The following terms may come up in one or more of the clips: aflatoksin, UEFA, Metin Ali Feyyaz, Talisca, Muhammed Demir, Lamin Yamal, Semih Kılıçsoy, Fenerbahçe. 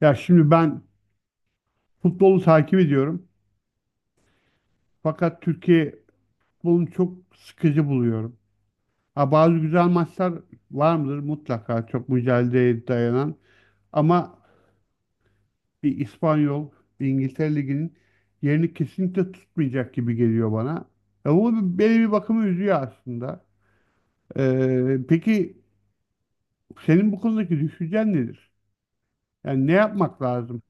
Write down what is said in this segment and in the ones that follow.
Ya şimdi ben futbolu takip ediyorum. Fakat Türkiye futbolunu çok sıkıcı buluyorum. Ha, bazı güzel maçlar var mıdır? Mutlaka çok mücadeleye dayanan. Ama bir İspanyol, bir İngiltere Ligi'nin yerini kesinlikle tutmayacak gibi geliyor bana. Ya, bu beni bir bakıma üzüyor aslında. Peki senin bu konudaki düşüncen nedir? Yani ne yapmak lazım?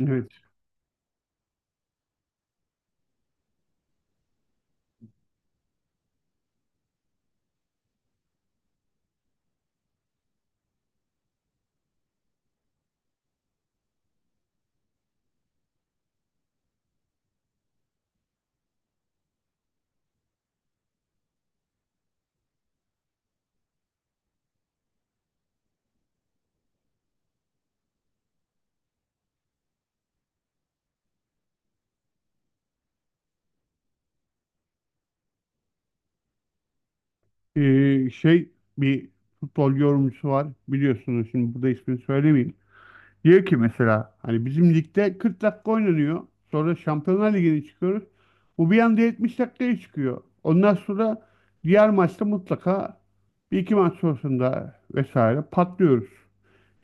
Evet. Şey bir futbol yorumcusu var, biliyorsunuz, şimdi burada ismini söylemeyeyim. Diyor ki mesela hani bizim ligde 40 dakika oynanıyor. Sonra Şampiyonlar Ligi'ne çıkıyoruz. Bu bir anda 70 dakikaya çıkıyor. Ondan sonra diğer maçta mutlaka bir iki maç sonrasında vesaire patlıyoruz.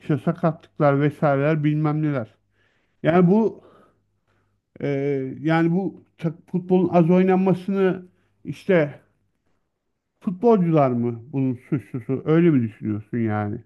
İşte sakatlıklar, vesaireler, bilmem neler. Yani bu e, yani bu futbolun az oynanmasını, işte, futbolcular mı bunun suçlusu, öyle mi düşünüyorsun yani?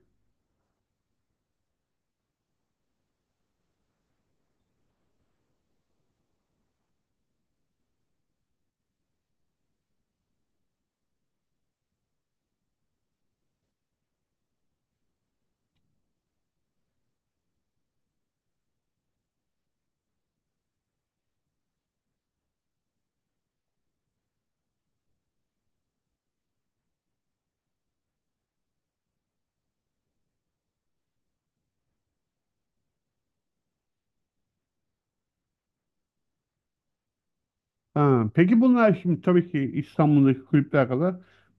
Ha, peki bunlar şimdi tabii ki İstanbul'daki kulüpler kadar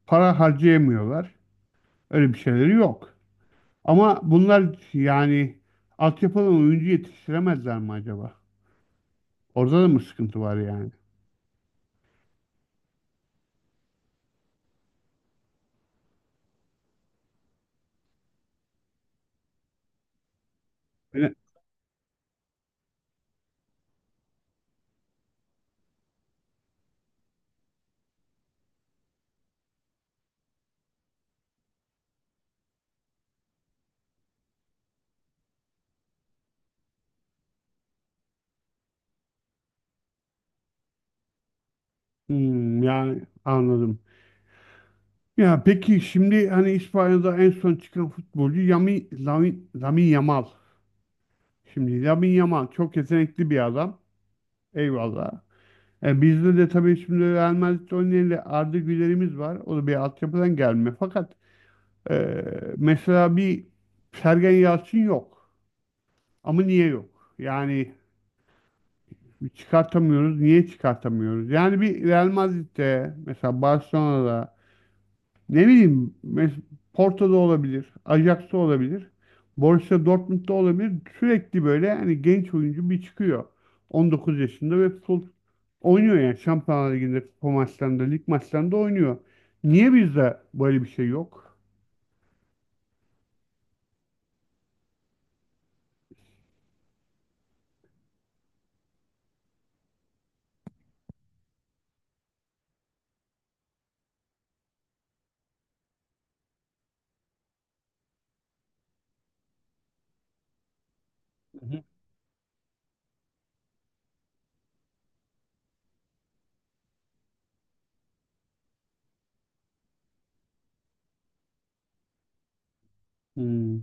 para harcayamıyorlar. Öyle bir şeyleri yok. Ama bunlar yani altyapıdan oyuncu yetiştiremezler mi acaba? Orada da mı sıkıntı var yani? Öyle- Hmm, yani anladım. Ya peki şimdi hani İspanya'da en son çıkan futbolcu Lamin Yamal. Şimdi Lamin Yamal çok yetenekli bir adam. Eyvallah. E, bizde de tabii şimdi Real Madrid'de oynayan Arda Güler'imiz var. O da bir altyapıdan gelme. Fakat Ee, mesela bir Sergen Yalçın yok. Ama niye yok? Yani çıkartamıyoruz. Niye çıkartamıyoruz? Yani bir Real Madrid'de, mesela Barcelona'da, ne bileyim, Porto'da olabilir, Ajax'ta olabilir, Borussia Dortmund'da olabilir. Sürekli böyle hani genç oyuncu bir çıkıyor. 19 yaşında ve full oynuyor yani. Şampiyonlar Ligi'nde, kupa maçlarında, lig maçlarında oynuyor. Niye bizde böyle bir şey yok? Hı hı. Hmm.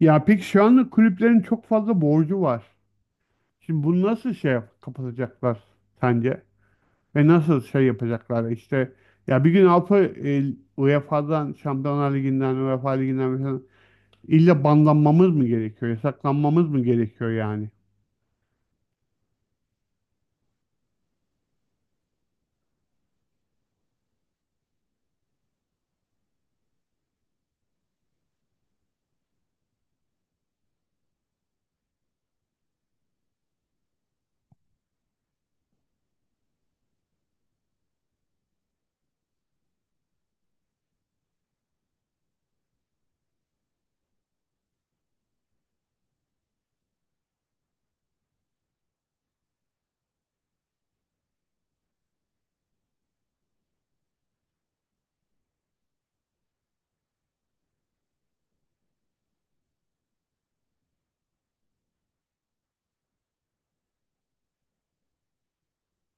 Ya peki şu anda kulüplerin çok fazla borcu var. Şimdi bunu nasıl kapatacaklar sence? Ve nasıl şey yapacaklar işte, ya bir gün Avrupa, UEFA'dan, Şampiyonlar Ligi'nden, UEFA Ligi'nden mesela illa banlanmamız mı gerekiyor? Yasaklanmamız mı gerekiyor yani?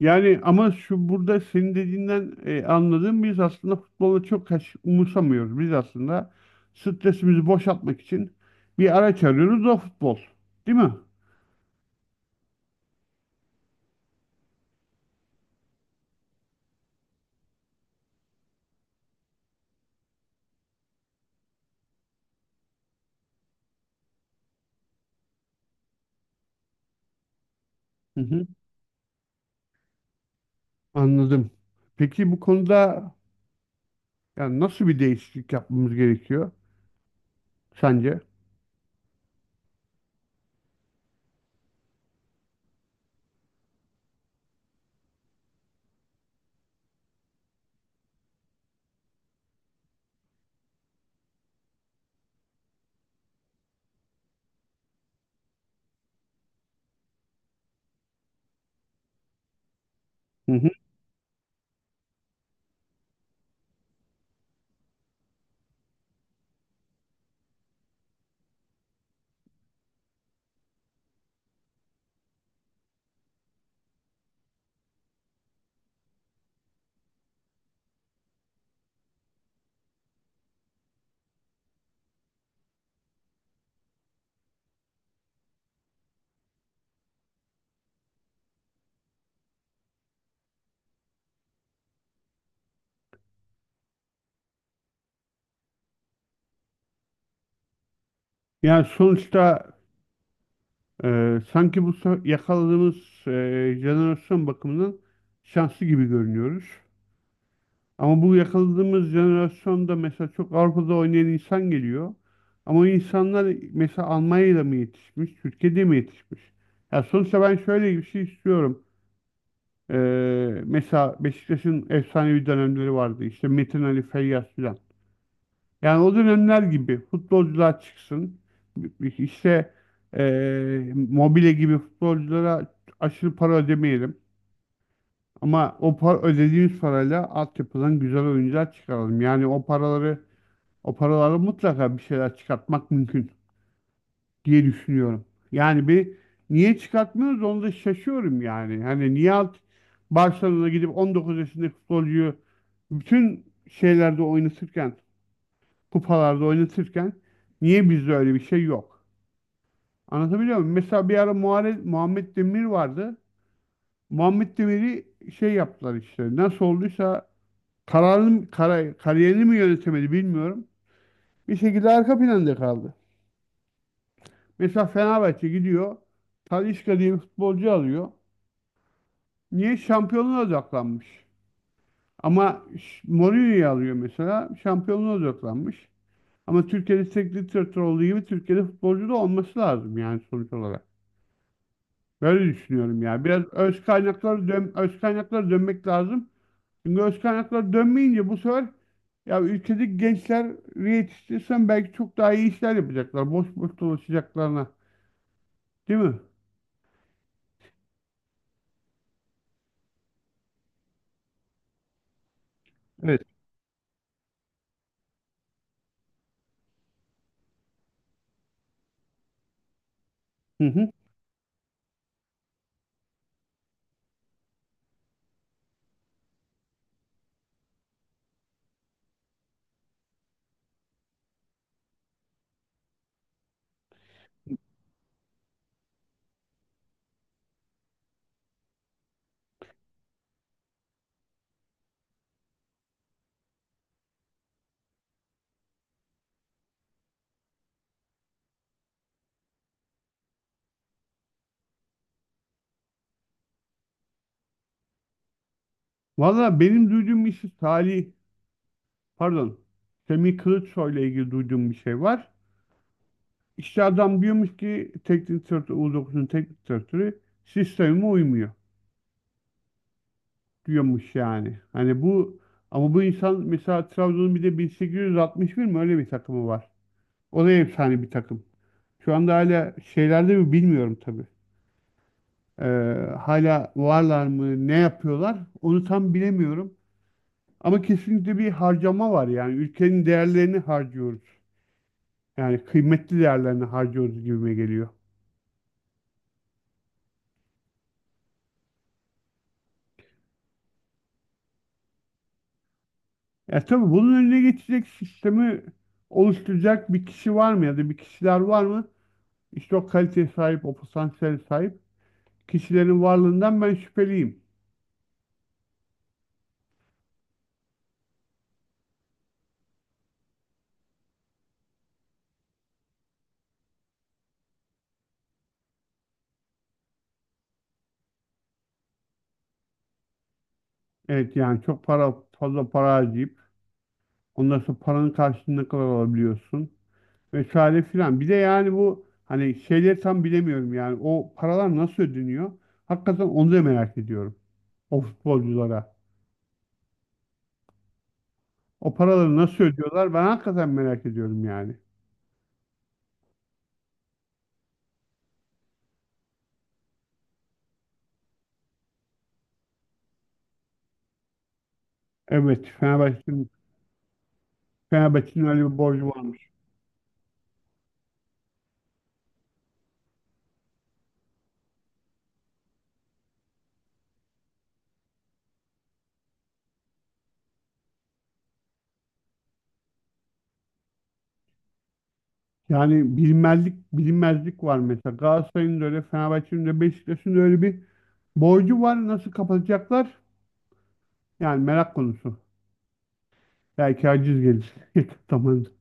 Yani ama şu, burada senin dediğinden anladığım, biz aslında futbolu çok umursamıyoruz. Biz aslında stresimizi boşaltmak için bir araç arıyoruz, o futbol. Değil mi? Hı hı. Anladım. Peki bu konuda yani nasıl bir değişiklik yapmamız gerekiyor sence? Hı. Yani sonuçta sanki bu yakaladığımız e, jenerasyon bakımından şanslı gibi görünüyoruz. Ama bu yakaladığımız jenerasyonda mesela çok Avrupa'da oynayan insan geliyor. Ama o insanlar mesela Almanya'da mı yetişmiş, Türkiye'de mi yetişmiş? Ya sonuçta ben şöyle bir şey istiyorum. E, mesela Beşiktaş'ın efsanevi dönemleri vardı. İşte Metin Ali Feyyaz filan. Yani o dönemler gibi futbolcular çıksın. İşte Mobile gibi futbolculara aşırı para ödemeyelim. Ama o para, ödediğimiz parayla altyapıdan güzel oyuncular çıkaralım. Yani o paraları mutlaka bir şeyler çıkartmak mümkün diye düşünüyorum. Yani bir, niye çıkartmıyoruz, onu da şaşıyorum yani. Hani niye Barcelona'ya gidip 19 yaşındaki futbolcuyu bütün şeylerde oynatırken, kupalarda oynatırken, niye bizde öyle bir şey yok? Anlatabiliyor muyum? Mesela bir ara Muhammed Demir vardı. Muhammed Demir'i şey yaptılar işte. Nasıl olduysa kariyerini mi yönetemedi bilmiyorum. Bir şekilde arka planda kaldı. Mesela Fenerbahçe gidiyor. Talisca diye bir futbolcu alıyor. Niye? Şampiyonluğa odaklanmış. Ama Mourinho'yu alıyor mesela. Şampiyonluğa odaklanmış. Ama Türkiye'de teknik direktör olduğu gibi Türkiye'de futbolcu da olması lazım yani, sonuç olarak. Böyle düşünüyorum ya. Biraz öz kaynaklara dönmek lazım. Çünkü öz kaynaklara dönmeyince bu sefer, ya, ülkedeki gençleri yetiştirsen belki çok daha iyi işler yapacaklar. Boş boş dolaşacaklarına. Değil mi? Evet. Hı hı. Valla benim duyduğum bir şey, pardon, Semih Kılıçsoy ile ilgili duyduğum bir şey var. İşte adam diyormuş ki teknik direktör, U9'un teknik direktörü sisteme uymuyor, diyormuş yani. Hani bu, ama bu insan mesela Trabzon'un bir de 1861 mi öyle bir takımı var. O da efsane bir takım. Şu anda hala şeylerde mi bilmiyorum tabii. Ee, hala varlar mı, ne yapıyorlar, onu tam bilemiyorum. Ama kesinlikle bir harcama var yani, ülkenin değerlerini harcıyoruz. Yani kıymetli değerlerini harcıyoruz gibime geliyor. Ya tabii bunun önüne geçecek sistemi oluşturacak bir kişi var mı, ya da bir kişiler var mı? İşte o kaliteye sahip, o potansiyele sahip kişilerin varlığından ben şüpheliyim. Evet yani çok para, fazla para harcayıp ondan sonra paranın karşılığını ne kadar alabiliyorsun, vesaire filan. Bir de yani bu, hani şeyleri tam bilemiyorum yani, o paralar nasıl ödeniyor? Hakikaten onu da merak ediyorum. O futbolculara. O paraları nasıl ödüyorlar? Ben hakikaten merak ediyorum yani. Evet, Fenerbahçe'nin öyle bir borcu varmış. Yani bilinmezlik, bilinmezlik var mesela. Galatasaray'ın da öyle, Fenerbahçe'nin de, Beşiktaş'ın da öyle bir borcu var, nasıl kapatacaklar? Yani merak konusu. Belki aciz gelir. Yakın